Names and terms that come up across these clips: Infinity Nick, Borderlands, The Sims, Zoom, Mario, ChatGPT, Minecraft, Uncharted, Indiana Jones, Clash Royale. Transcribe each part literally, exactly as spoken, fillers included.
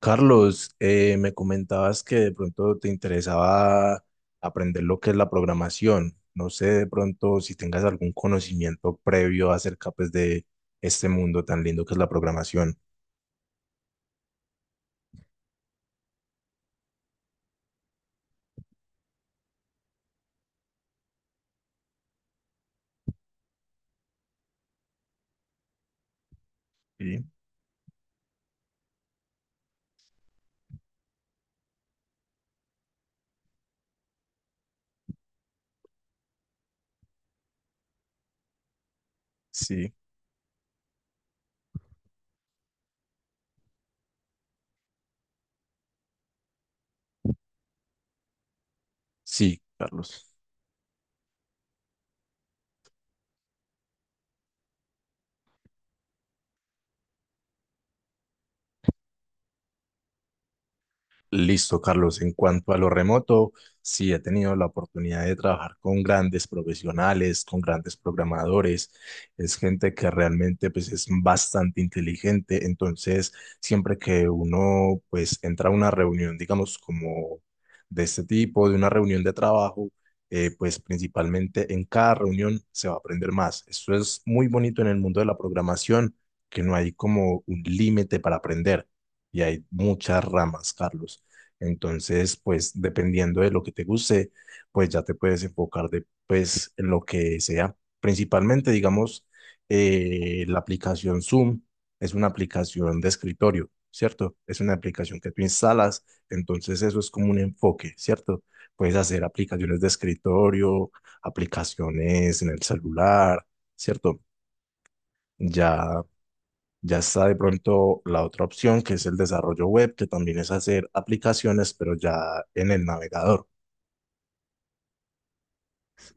Carlos, eh, me comentabas que de pronto te interesaba aprender lo que es la programación. No sé de pronto si tengas algún conocimiento previo acerca pues, de este mundo tan lindo que es la programación. Sí, sí. Sí, Carlos. Listo, Carlos. En cuanto a lo remoto, sí he tenido la oportunidad de trabajar con grandes profesionales, con grandes programadores. Es gente que realmente pues es bastante inteligente. Entonces, siempre que uno pues entra a una reunión, digamos, como de este tipo, de una reunión de trabajo, eh, pues principalmente en cada reunión se va a aprender más. Eso es muy bonito en el mundo de la programación, que no hay como un límite para aprender y hay muchas ramas, Carlos. Entonces, pues dependiendo de lo que te guste, pues ya te puedes enfocar de, pues, en lo que sea. Principalmente, digamos, eh, la aplicación Zoom es una aplicación de escritorio, ¿cierto? Es una aplicación que tú instalas, entonces eso es como un enfoque, ¿cierto? Puedes hacer aplicaciones de escritorio, aplicaciones en el celular, ¿cierto? Ya ya está de pronto la otra opción, que es el desarrollo web, que también es hacer aplicaciones, pero ya en el navegador.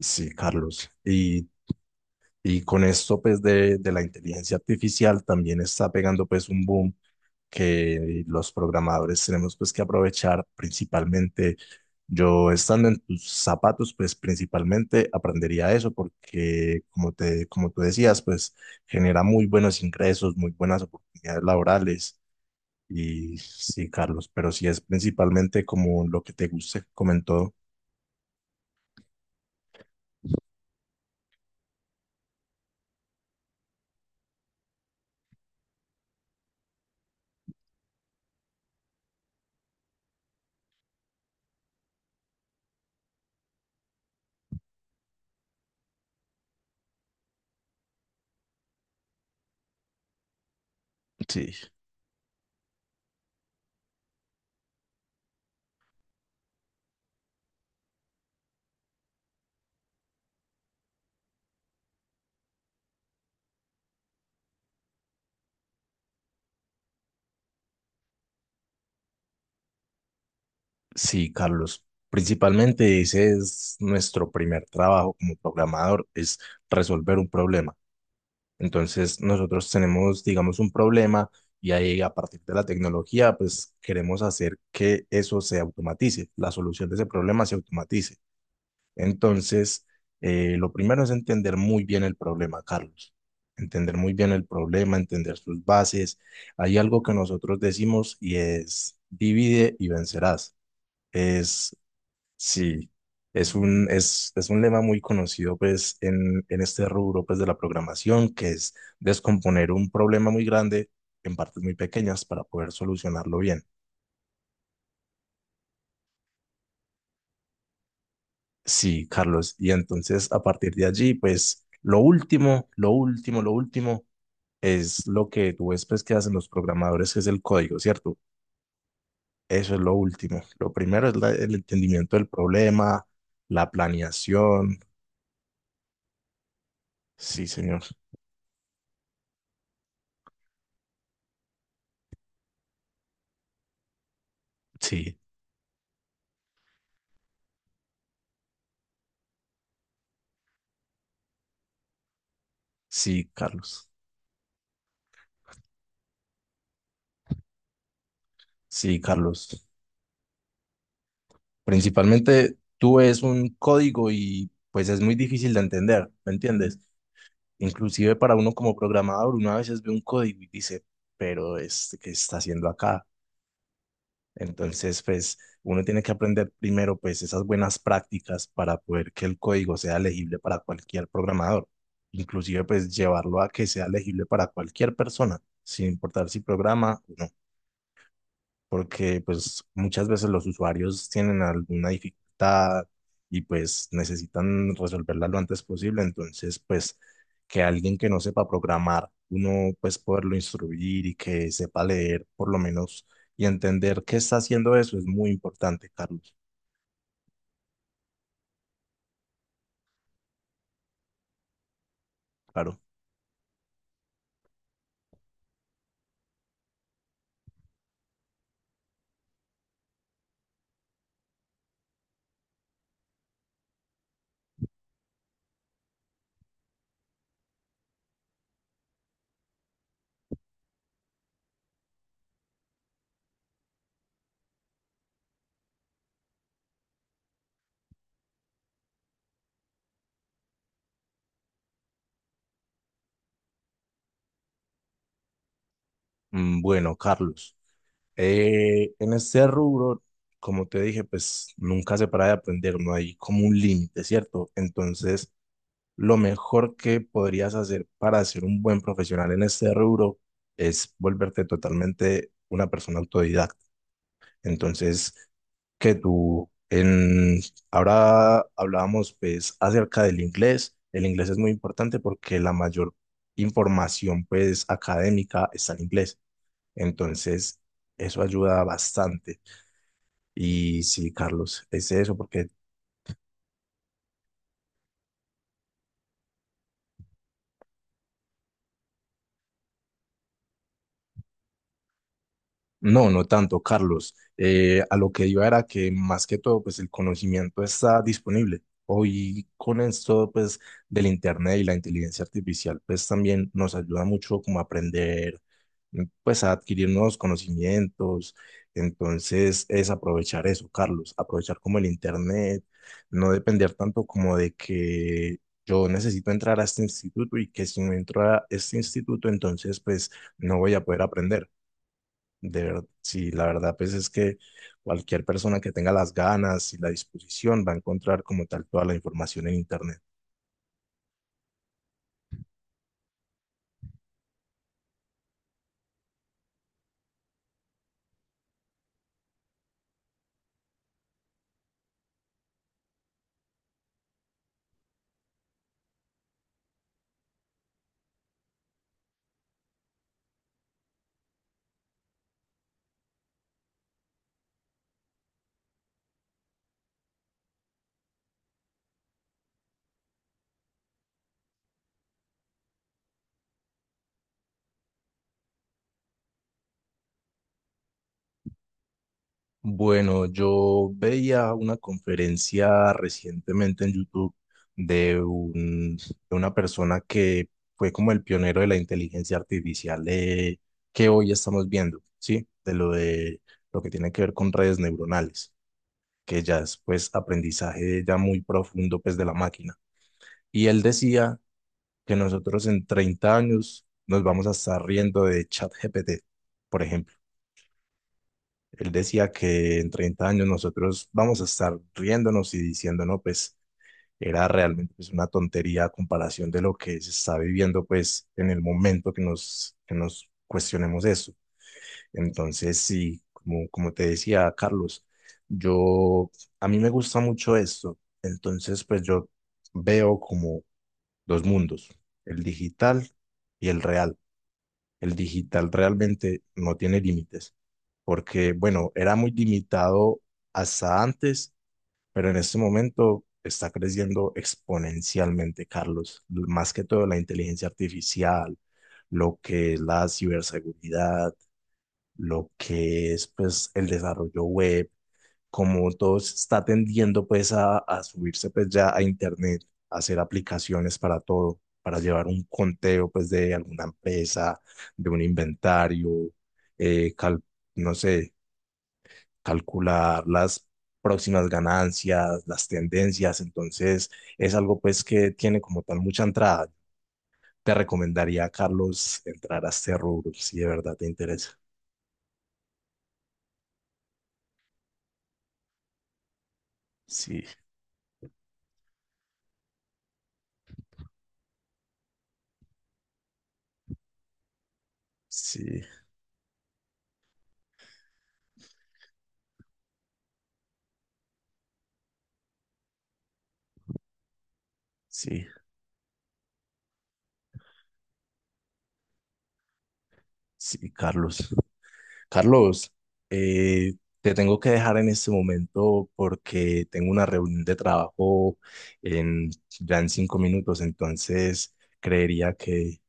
Sí, Carlos. Y, y con esto, pues, de, de la inteligencia artificial también está pegando, pues, un boom que los programadores tenemos, pues, que aprovechar principalmente. Yo estando en tus zapatos, pues, principalmente aprendería eso porque, como te, como tú decías, pues, genera muy buenos ingresos, muy buenas oportunidades laborales. Y sí, Carlos, pero sí es principalmente como lo que te guste, comentó. Sí, sí, Carlos. Principalmente ese es nuestro primer trabajo como programador, es resolver un problema. Entonces nosotros tenemos, digamos, un problema y ahí a partir de la tecnología, pues queremos hacer que eso se automatice, la solución de ese problema se automatice. Entonces, eh, lo primero es entender muy bien el problema, Carlos. Entender muy bien el problema, entender sus bases. Hay algo que nosotros decimos y es divide y vencerás. Es, sí, es un, es, es un lema muy conocido pues en, en este rubro pues de la programación, que es descomponer un problema muy grande en partes muy pequeñas para poder solucionarlo bien. Sí, Carlos. Y entonces, a partir de allí, pues lo último, lo último, lo último es lo que tú ves pues, que hacen los programadores, que es el código, ¿cierto? Eso es lo último. Lo primero es la- el entendimiento del problema, la planeación. Sí, señor. Sí, sí, Carlos. Sí, Carlos. Principalmente tú ves un código y pues es muy difícil de entender, ¿me entiendes? Inclusive para uno como programador, uno a veces ve un código y dice, pero este, ¿qué está haciendo acá? Entonces, pues uno tiene que aprender primero pues esas buenas prácticas para poder que el código sea legible para cualquier programador, inclusive pues llevarlo a que sea legible para cualquier persona, sin importar si programa o no, porque pues muchas veces los usuarios tienen alguna dificultad y pues necesitan resolverla lo antes posible, entonces pues que alguien que no sepa programar, uno pues poderlo instruir y que sepa leer por lo menos y entender qué está haciendo eso es muy importante, Carlos. Claro. Mm, bueno, Carlos, eh, en este rubro, como te dije, pues nunca se para de aprender, no hay como un límite, ¿cierto? Entonces, lo mejor que podrías hacer para ser un buen profesional en este rubro es volverte totalmente una persona autodidacta. Entonces, que tú en ahora hablábamos pues acerca del inglés. El inglés es muy importante porque la mayor información pues académica está en inglés. Entonces, eso ayuda bastante. Y sí, Carlos, es eso porque no, no tanto, Carlos. Eh, a lo que iba era que más que todo, pues el conocimiento está disponible. Hoy con esto, pues del Internet y la inteligencia artificial, pues también nos ayuda mucho como a aprender, mm, pues a adquirir nuevos conocimientos. Entonces es aprovechar eso, Carlos, aprovechar como el Internet, no depender tanto como de que yo necesito entrar a este instituto y que si no entro a este instituto, entonces pues no voy a poder aprender. De verdad, sí, la verdad, pues es que cualquier persona que tenga las ganas y la disposición va a encontrar como tal toda la información en Internet. Bueno, yo veía una conferencia recientemente en YouTube de, un, de una persona que fue como el pionero de la inteligencia artificial eh, que hoy estamos viendo, ¿sí? De lo de lo que tiene que ver con redes neuronales, que ya es pues aprendizaje ya muy profundo pues de la máquina. Y él decía que nosotros en treinta años nos vamos a estar riendo de ChatGPT, por ejemplo. Él decía que en treinta años nosotros vamos a estar riéndonos y diciendo, no, pues era realmente pues, una tontería a comparación de lo que se está viviendo pues en el momento que nos, que nos cuestionemos eso. Entonces, sí, como, como te decía, Carlos, yo, a mí me gusta mucho esto. Entonces, pues yo veo como dos mundos, el digital y el real. El digital realmente no tiene límites, porque bueno, era muy limitado hasta antes, pero en este momento está creciendo exponencialmente, Carlos, más que todo la inteligencia artificial, lo que es la ciberseguridad, lo que es pues el desarrollo web, como todo se está tendiendo pues a, a subirse pues ya a internet, a hacer aplicaciones para todo, para llevar un conteo pues de alguna empresa, de un inventario, eh, cal- no sé, calcular las próximas ganancias, las tendencias, entonces es algo pues que tiene como tal mucha entrada. Te recomendaría, Carlos, entrar a este rubro, si de verdad te interesa. Sí, sí, sí, sí, Carlos. Carlos, eh, te tengo que dejar en este momento porque tengo una reunión de trabajo en, ya en cinco minutos, entonces creería que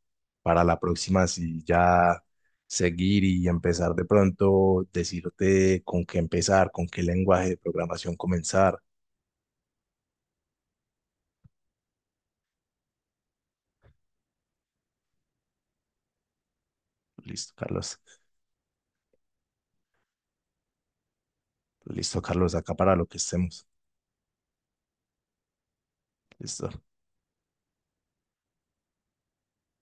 para la próxima, si ya seguir y empezar de pronto, decirte con qué empezar, con qué lenguaje de programación comenzar. Listo, Carlos. Listo, Carlos, acá para lo que estemos. Listo.